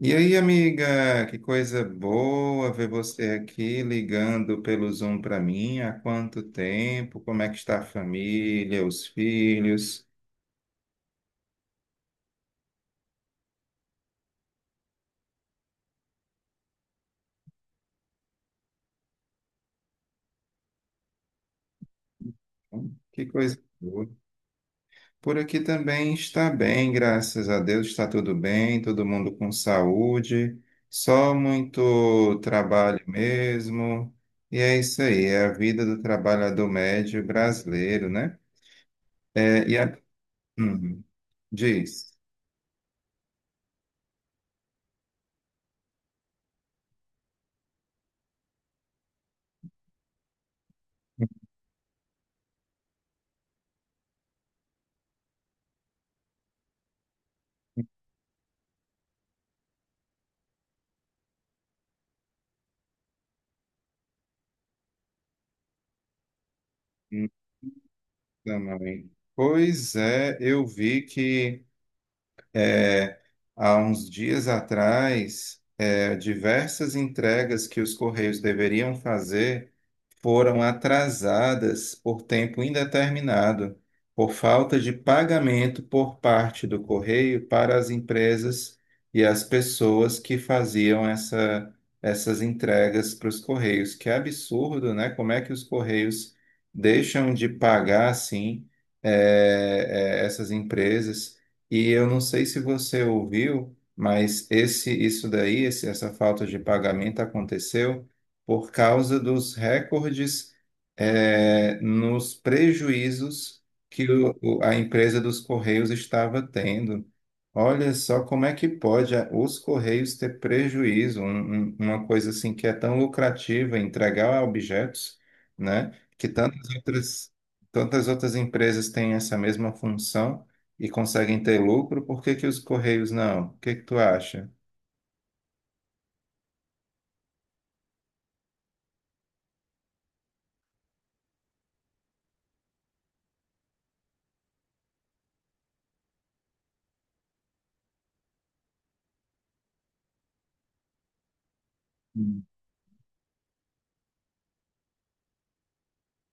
E aí, amiga, que coisa boa ver você aqui ligando pelo Zoom para mim. Há quanto tempo? Como é que está a família, os filhos? Que coisa boa. Por aqui também está bem, graças a Deus, está tudo bem, todo mundo com saúde, só muito trabalho mesmo. E é isso aí, é a vida do trabalhador médio brasileiro, né? É, e a. Hum, diz. Também. Pois é, eu vi que é, há uns dias atrás, diversas entregas que os Correios deveriam fazer foram atrasadas por tempo indeterminado, por falta de pagamento por parte do correio para as empresas e as pessoas que faziam essas entregas para os correios. Que absurdo, né? Como é que os correios deixam de pagar assim essas empresas? E eu não sei se você ouviu, mas isso daí, essa falta de pagamento aconteceu por causa dos recordes, nos prejuízos que a empresa dos Correios estava tendo. Olha só como é que pode os Correios ter prejuízo, uma coisa assim que é tão lucrativa, entregar objetos, né? Que tantas outras empresas têm essa mesma função e conseguem ter lucro, por que que os Correios não? O que que tu acha?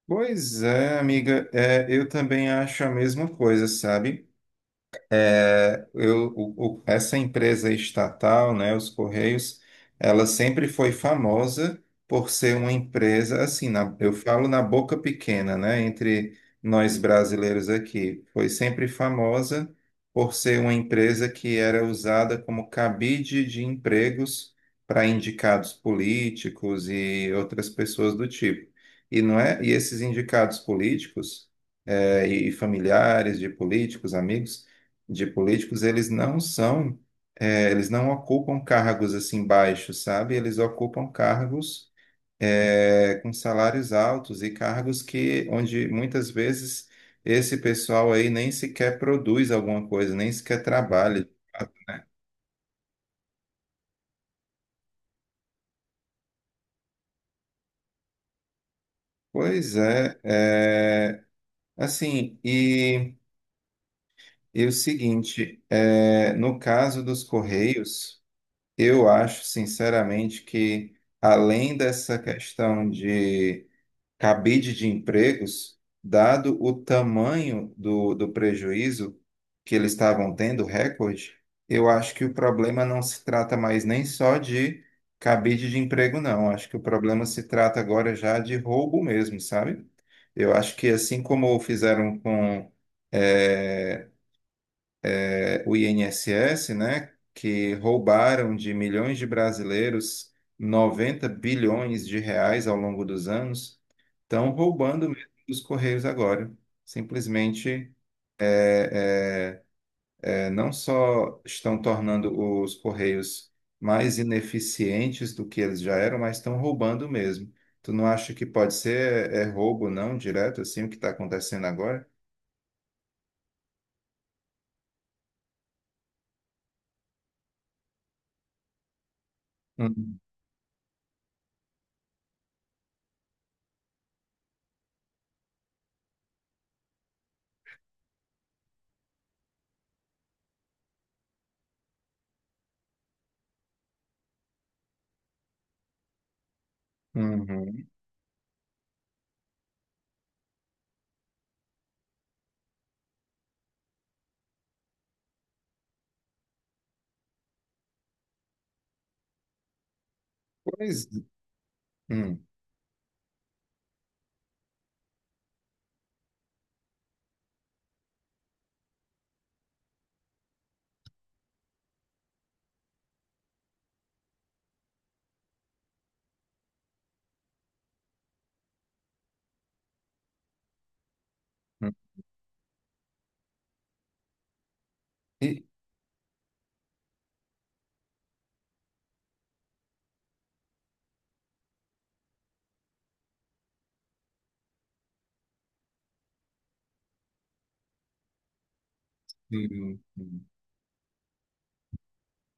Pois é, amiga, é, eu também acho a mesma coisa, sabe? É, essa empresa estatal, né, os Correios, ela sempre foi famosa por ser uma empresa, assim, eu falo na boca pequena, né, entre nós brasileiros aqui, foi sempre famosa por ser uma empresa que era usada como cabide de empregos para indicados políticos e outras pessoas do tipo. E não é, e esses indicados políticos, e familiares de políticos, amigos de políticos, eles não são, eles não ocupam cargos assim baixos, sabe? Eles ocupam cargos com salários altos e cargos que onde muitas vezes esse pessoal aí nem sequer produz alguma coisa, nem sequer trabalha. Pois é, é, assim, e o seguinte, no caso dos Correios. Eu acho, sinceramente, que além dessa questão de cabide de empregos, dado o tamanho do prejuízo que eles estavam tendo, recorde, eu acho que o problema não se trata mais nem só de cabide de emprego, não. Acho que o problema se trata agora já de roubo mesmo, sabe? Eu acho que assim como fizeram com eh, o INSS, né, que roubaram de milhões de brasileiros 90 bilhões de reais ao longo dos anos, estão roubando mesmo dos Correios agora. Simplesmente, não só estão tornando os Correios mais ineficientes do que eles já eram, mas estão roubando mesmo. Tu não acha que pode ser roubo não direto assim o que está acontecendo agora? Hum, uhum. Pois, hum, hum. E- hum, hum, hum.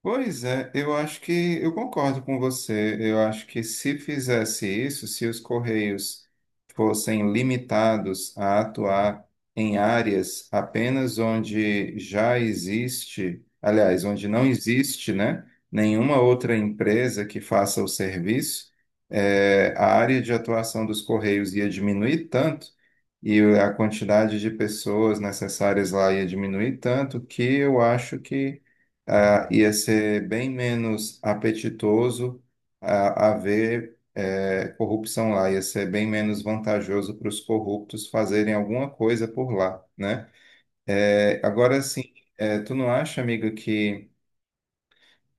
Pois é, eu acho que eu concordo com você. Eu acho que se fizesse isso, se os Correios fossem limitados a atuar em áreas apenas onde já existe, aliás, onde não existe, né, nenhuma outra empresa que faça o serviço, a área de atuação dos Correios ia diminuir tanto e a quantidade de pessoas necessárias lá ia diminuir tanto que eu acho que ia ser bem menos apetitoso, haver corrupção lá, ia ser bem menos vantajoso para os corruptos fazerem alguma coisa por lá, né? Agora sim, tu não acha, amiga, que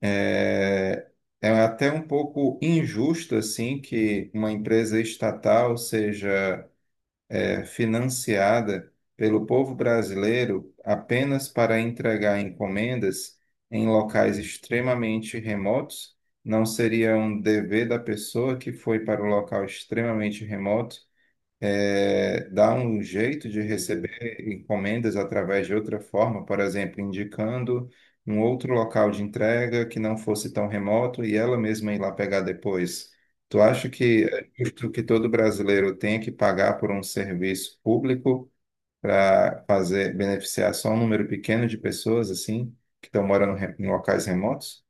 eh, é até um pouco injusto assim que uma empresa estatal seja financiada pelo povo brasileiro apenas para entregar encomendas em locais extremamente remotos? Não seria um dever da pessoa que foi para o local extremamente remoto dar um jeito de receber encomendas através de outra forma, por exemplo, indicando um outro local de entrega que não fosse tão remoto e ela mesma ir lá pegar depois. Tu acha que é justo que todo brasileiro tenha que pagar por um serviço público para fazer beneficiar só um número pequeno de pessoas assim que estão morando em em locais remotos?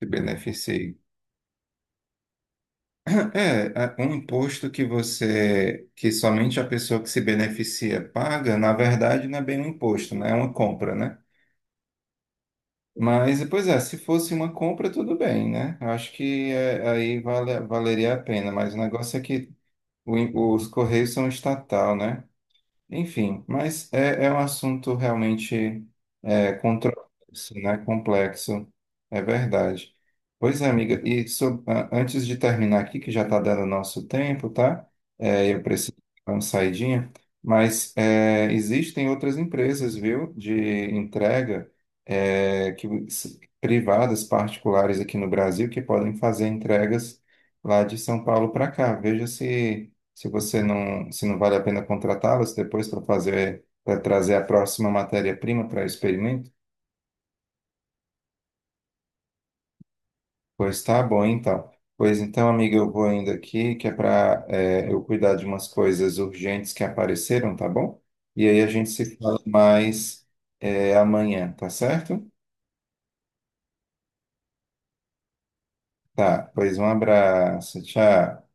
Se beneficie. É, um imposto que você, que somente a pessoa que se beneficia paga, na verdade não é bem um imposto, né? É uma compra, né? Mas, pois é, se fosse uma compra, tudo bem, né? Eu acho que é, aí valeria a pena, mas o negócio é que os Correios são estatal, né? Enfim, mas é, é um assunto realmente controverso, né? Complexo, é verdade. Pois é, amiga, e antes de terminar aqui, que já está dando nosso tempo, tá? É, eu preciso dar uma saidinha, mas é, existem outras empresas, viu, de entrega, privadas, particulares aqui no Brasil, que podem fazer entregas lá de São Paulo para cá. Veja se. Se você não, se não vale a pena contratá-los depois para fazer, para trazer a próxima matéria-prima para o experimento, pois tá bom, então. Pois então, amiga, eu vou indo aqui, que é para eu cuidar de umas coisas urgentes que apareceram, tá bom? E aí a gente se fala mais, é, amanhã, tá certo? Tá, pois um abraço, tchau.